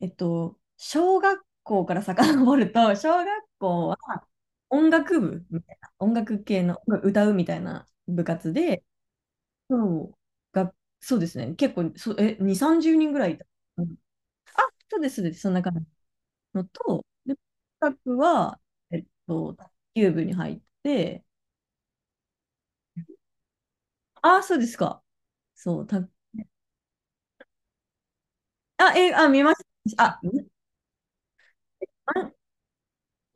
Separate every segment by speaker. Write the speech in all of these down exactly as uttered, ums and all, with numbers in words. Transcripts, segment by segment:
Speaker 1: えっと、小学校から遡ると、小学校は音楽部みたいな、音楽系の歌うみたいな部活で、そうがそうですね、結構そ、え、に、さんじゅうにんぐらいいた。うん。あ、そうです、そうです、そんな感じのと、で、部活は、えっと、卓球部に入って、あ、そうですか。そう、卓あ、え、あ、見ました。あ、ま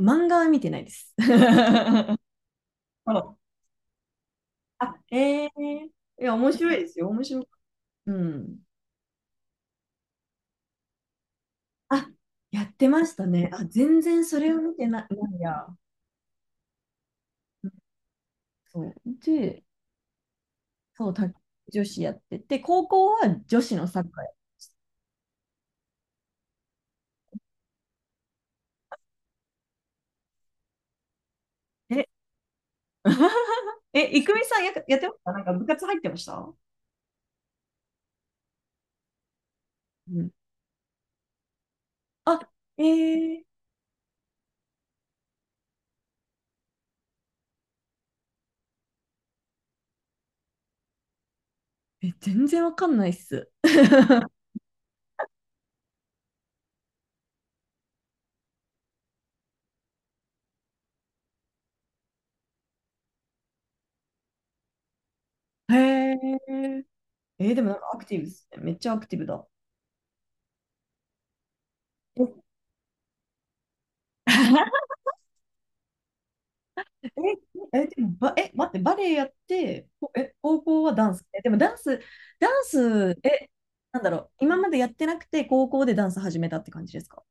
Speaker 1: 漫画は見てないです。そう。あ、ええいや、面白いですよ。面白い。うん。あ、やってましたね。あ、全然それを見てな、ないや。うん。そう。で、そう、卓女子やってて、高校は女子のサッカーやって、え、え、いくみさんや、やってました。なんか部活入ってました？うん、あ、えー、え、全然わかんないっす。へえ。えーでもなんかアクティブっすね。めっちゃアクティブだ。え え、え、でもば、え、待って、バレエやって、こえ、高校はダンス。え、でもダンス、ダンス、え、なんだろう、今までやってなくて、高校でダンス始めたって感じですか？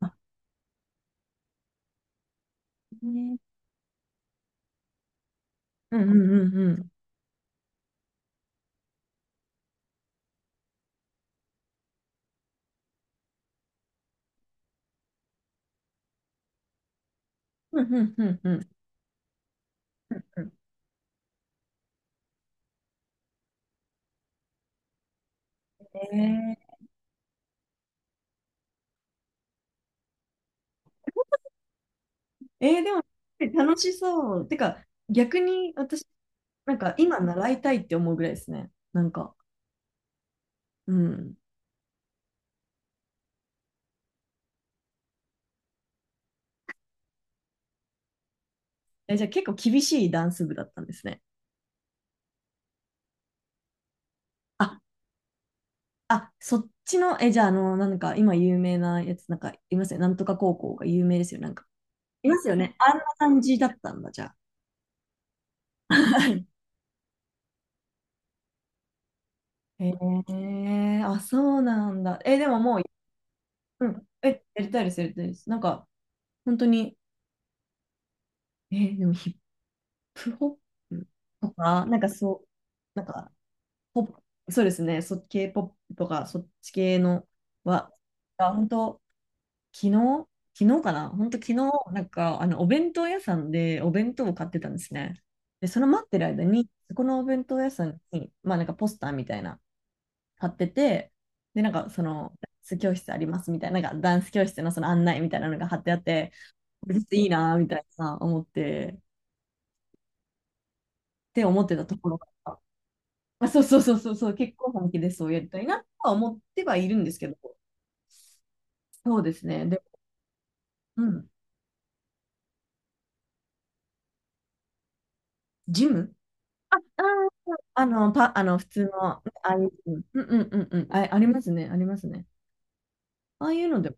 Speaker 1: あ、ね。うんうんうんうん。うんうんうんうん。うんうん。えー、えーでも、楽しそう。てか、逆に私、なんか今習いたいって思うぐらいですね。なんか、うん。え、じゃあ結構厳しいダンス部だったんですね。ああ、そっちの、え、じゃあ、あの、なんか、今有名なやつ、なんか、いますよね。なんとか高校が有名ですよ。なんか、いますよね。あんな感じだったんだ、じゃあ。へえ、あ、そうなんだ。え、でももう、うん。え、やりたいです、やりたいです。なんか、本当に、え、でもヒップホップとか、なんかそう、なんか、ポップそうですね、そ、k ポップとか、そっち系のは、あ、本当昨日、昨日かな、本当昨日、なんか、あの、お弁当屋さんでお弁当を買ってたんですね。で、その待ってる間に、そこのお弁当屋さんに、まあなんかポスターみたいな、貼ってて、で、なんかその、ダンス教室ありますみたいな、なんかダンス教室のその案内みたいなのが貼ってあって、これいいなーみたいな思って、って思ってたところが、あ、そうそうそうそうそう、結構本気でそうやりたいなとは思ってはいるんですけど、そうですね。で、うん、ジム、あの、パ、あの、普通の、ああいう、うんうんうんうん、あ、ありますね、ありますね。ああいうのでも、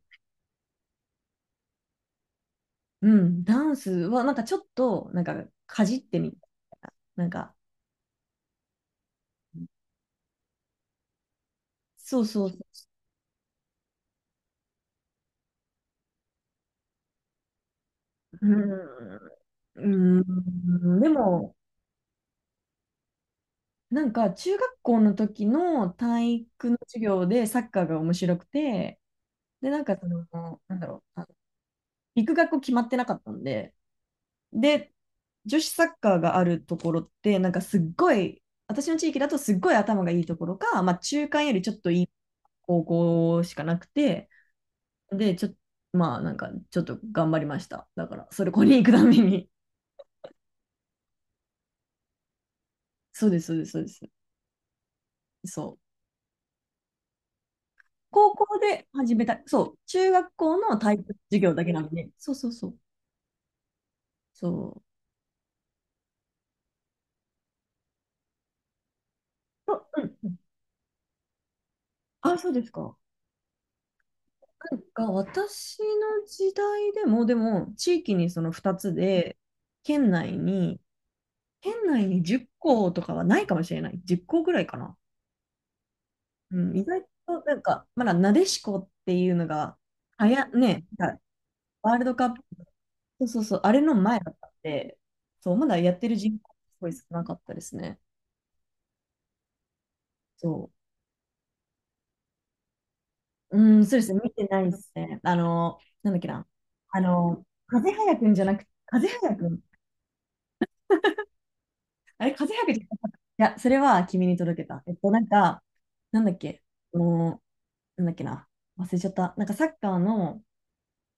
Speaker 1: うん、ダンスは、なんかちょっと、なんか、かじってみた。なんか、そうそうそう。うん、うん、でも、なんか、中学校の時の体育の授業でサッカーが面白くて、で、なんか、その、なんだろう、あの行く学校決まってなかったんで、で、女子サッカーがあるところって、なんかすっごい、私の地域だとすっごい頭がいいところか、まあ中間よりちょっといい高校しかなくて、で、ちょっと、まあなんかちょっと頑張りました。だから、それこに行くために。そうです、そうです、そうです。そう。高校で始めた、そう、中学校の体育授業だけなので、そうそうそう。そう。あ、うんうん。あ、そうですか。なんか私の時代でも、でも地域にそのふたつで、県内に、県内にじゅっ校とかはないかもしれない。じゅっ校ぐらいかな。うん、意外となんか、まだなでしこっていうのが、はや、ね、なんかワールドカップ、そうそうそう、あれの前だったんで、そう、まだやってる人口すごい少なかったですね。そう。うん、そうですね、見てないですね。あの、なんだっけな。あの、風早くんじゃなくて、風早くん。あれ、風邪はくじゃなかった？いや、それは君に届けた。えっと、なんか、なんだっけ、あのなんだっけな、忘れちゃった。なんかサッカーの、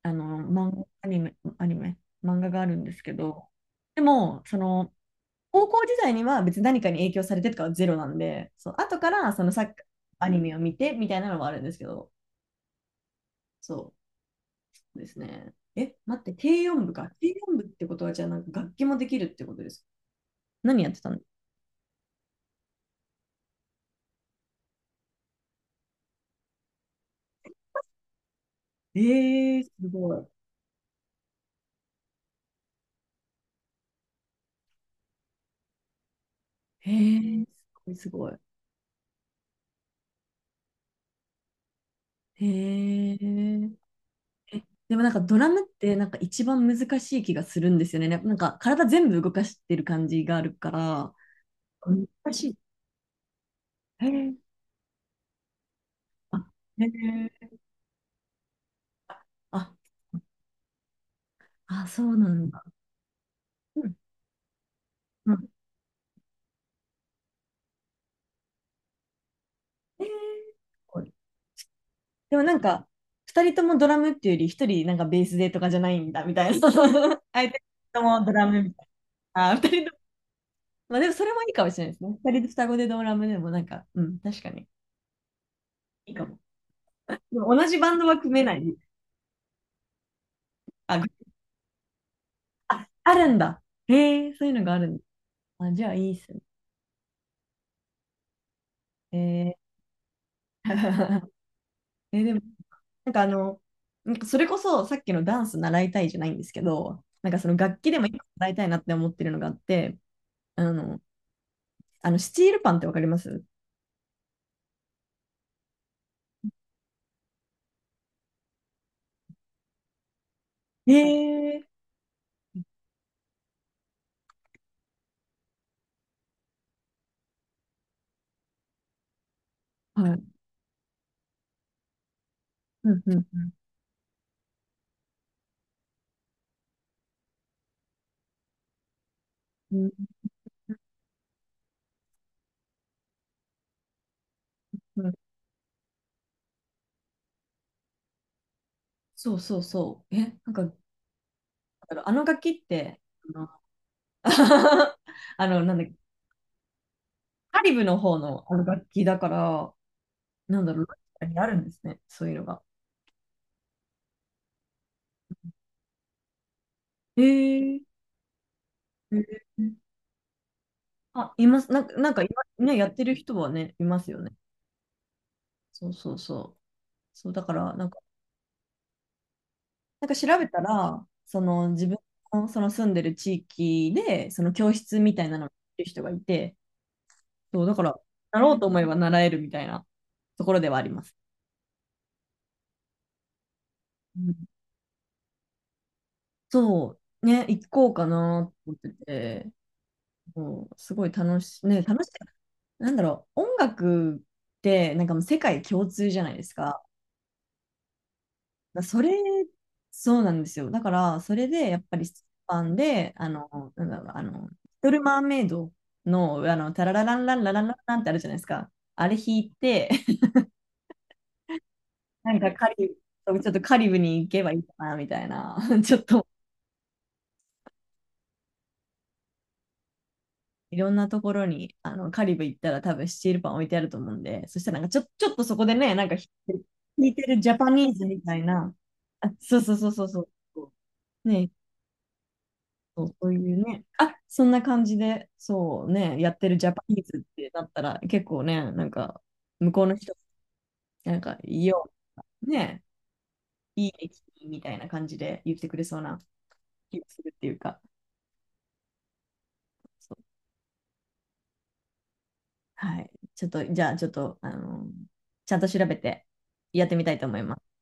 Speaker 1: あの漫画、アニメ、アニメ、漫画があるんですけど、でも、その、高校時代には別に何かに影響されてとかはゼロなんで、そう、後からそのサッカー、アニメを見てみたいなのはあるんですけど、そうですね。え、待って、軽音部か。軽音部ってことは、じゃあなんか楽器もできるってことですか？何やってたの？えー、すごい。へえ、すごいすごい。へえ。えでもなんかドラムってなんか一番難しい気がするんですよね。ななんか体全部動かしてる感じがあるから。難しい。へえ。あ、へえ。あ、あ、そうなんだ。うん。うん。へえ。すごい。でもなんか、二人ともドラムっていうより、一人なんかベースでとかじゃないんだみたいな。相手ともドラムみたいな。あ、二人とも。まあでもそれもいいかもしれないですね。二人で双子でドラムでもなんか、うん、確かに。いいかも。でも同じバンドは組めない。あ、ぐあ、あるんだ。へえ、そういうのがあるんだ。あ、じゃあいいっすね。へー。 え、でも、なんかあの、なんかそれこそさっきのダンス習いたいじゃないんですけど、なんかその楽器でも一個習いたいなって思ってるのがあって、あの、あのスチールパンってわかります？へえー、はい。うんうんうん。うんうん。そうそうそう。え、なんか、なんだろうあの楽器って、あの、あのなんだっけ、カリブの方のあの楽器だから、なんだろう、ロシアにあるんですね、そういうのが。へえー、へえ。あ、います。なんか、なんか今、ね、やってる人はね、いますよね。そうそうそう。そう、だから、なんか、なんか調べたら、その自分のその住んでる地域で、その教室みたいなのをやってる人がいて、そう、だから、なろうと思えば習えるみたいなところではあります。うん。そう、ね、行こうかなと思ってて、こうすごい楽し、ね、楽しい。なんだろう、音楽ってなんかもう世界共通じゃないですか。だそれ、そうなんですよ。だから、それでやっぱりスパンで、あの、なんだろう、あの、リトル・マーメイドの、あの、タララランランラランランランってあるじゃないですか。あれ弾いて、なんかカリブ、ちょっとカリブに行けばいいかな、みたいな、ちょっといろんなところに、あの、カリブ行ったら多分スチールパン置いてあると思うんで、そしたらなんかちょ、ちょっとそこでね、なんかひ弾いてるジャパニーズみたいな、あ、そうそうそうそうそう、ね、そうそういうね、あ、そんな感じで、そうね、やってるジャパニーズってなったら結構ね、なんか向こうの人、なんか、いいよ、ね、いい駅みたいな感じで言ってくれそうな気がするっていうか、そう。はい、ちょっと、じゃあちょっと、あの、ちゃんと調べてやってみたいと思います。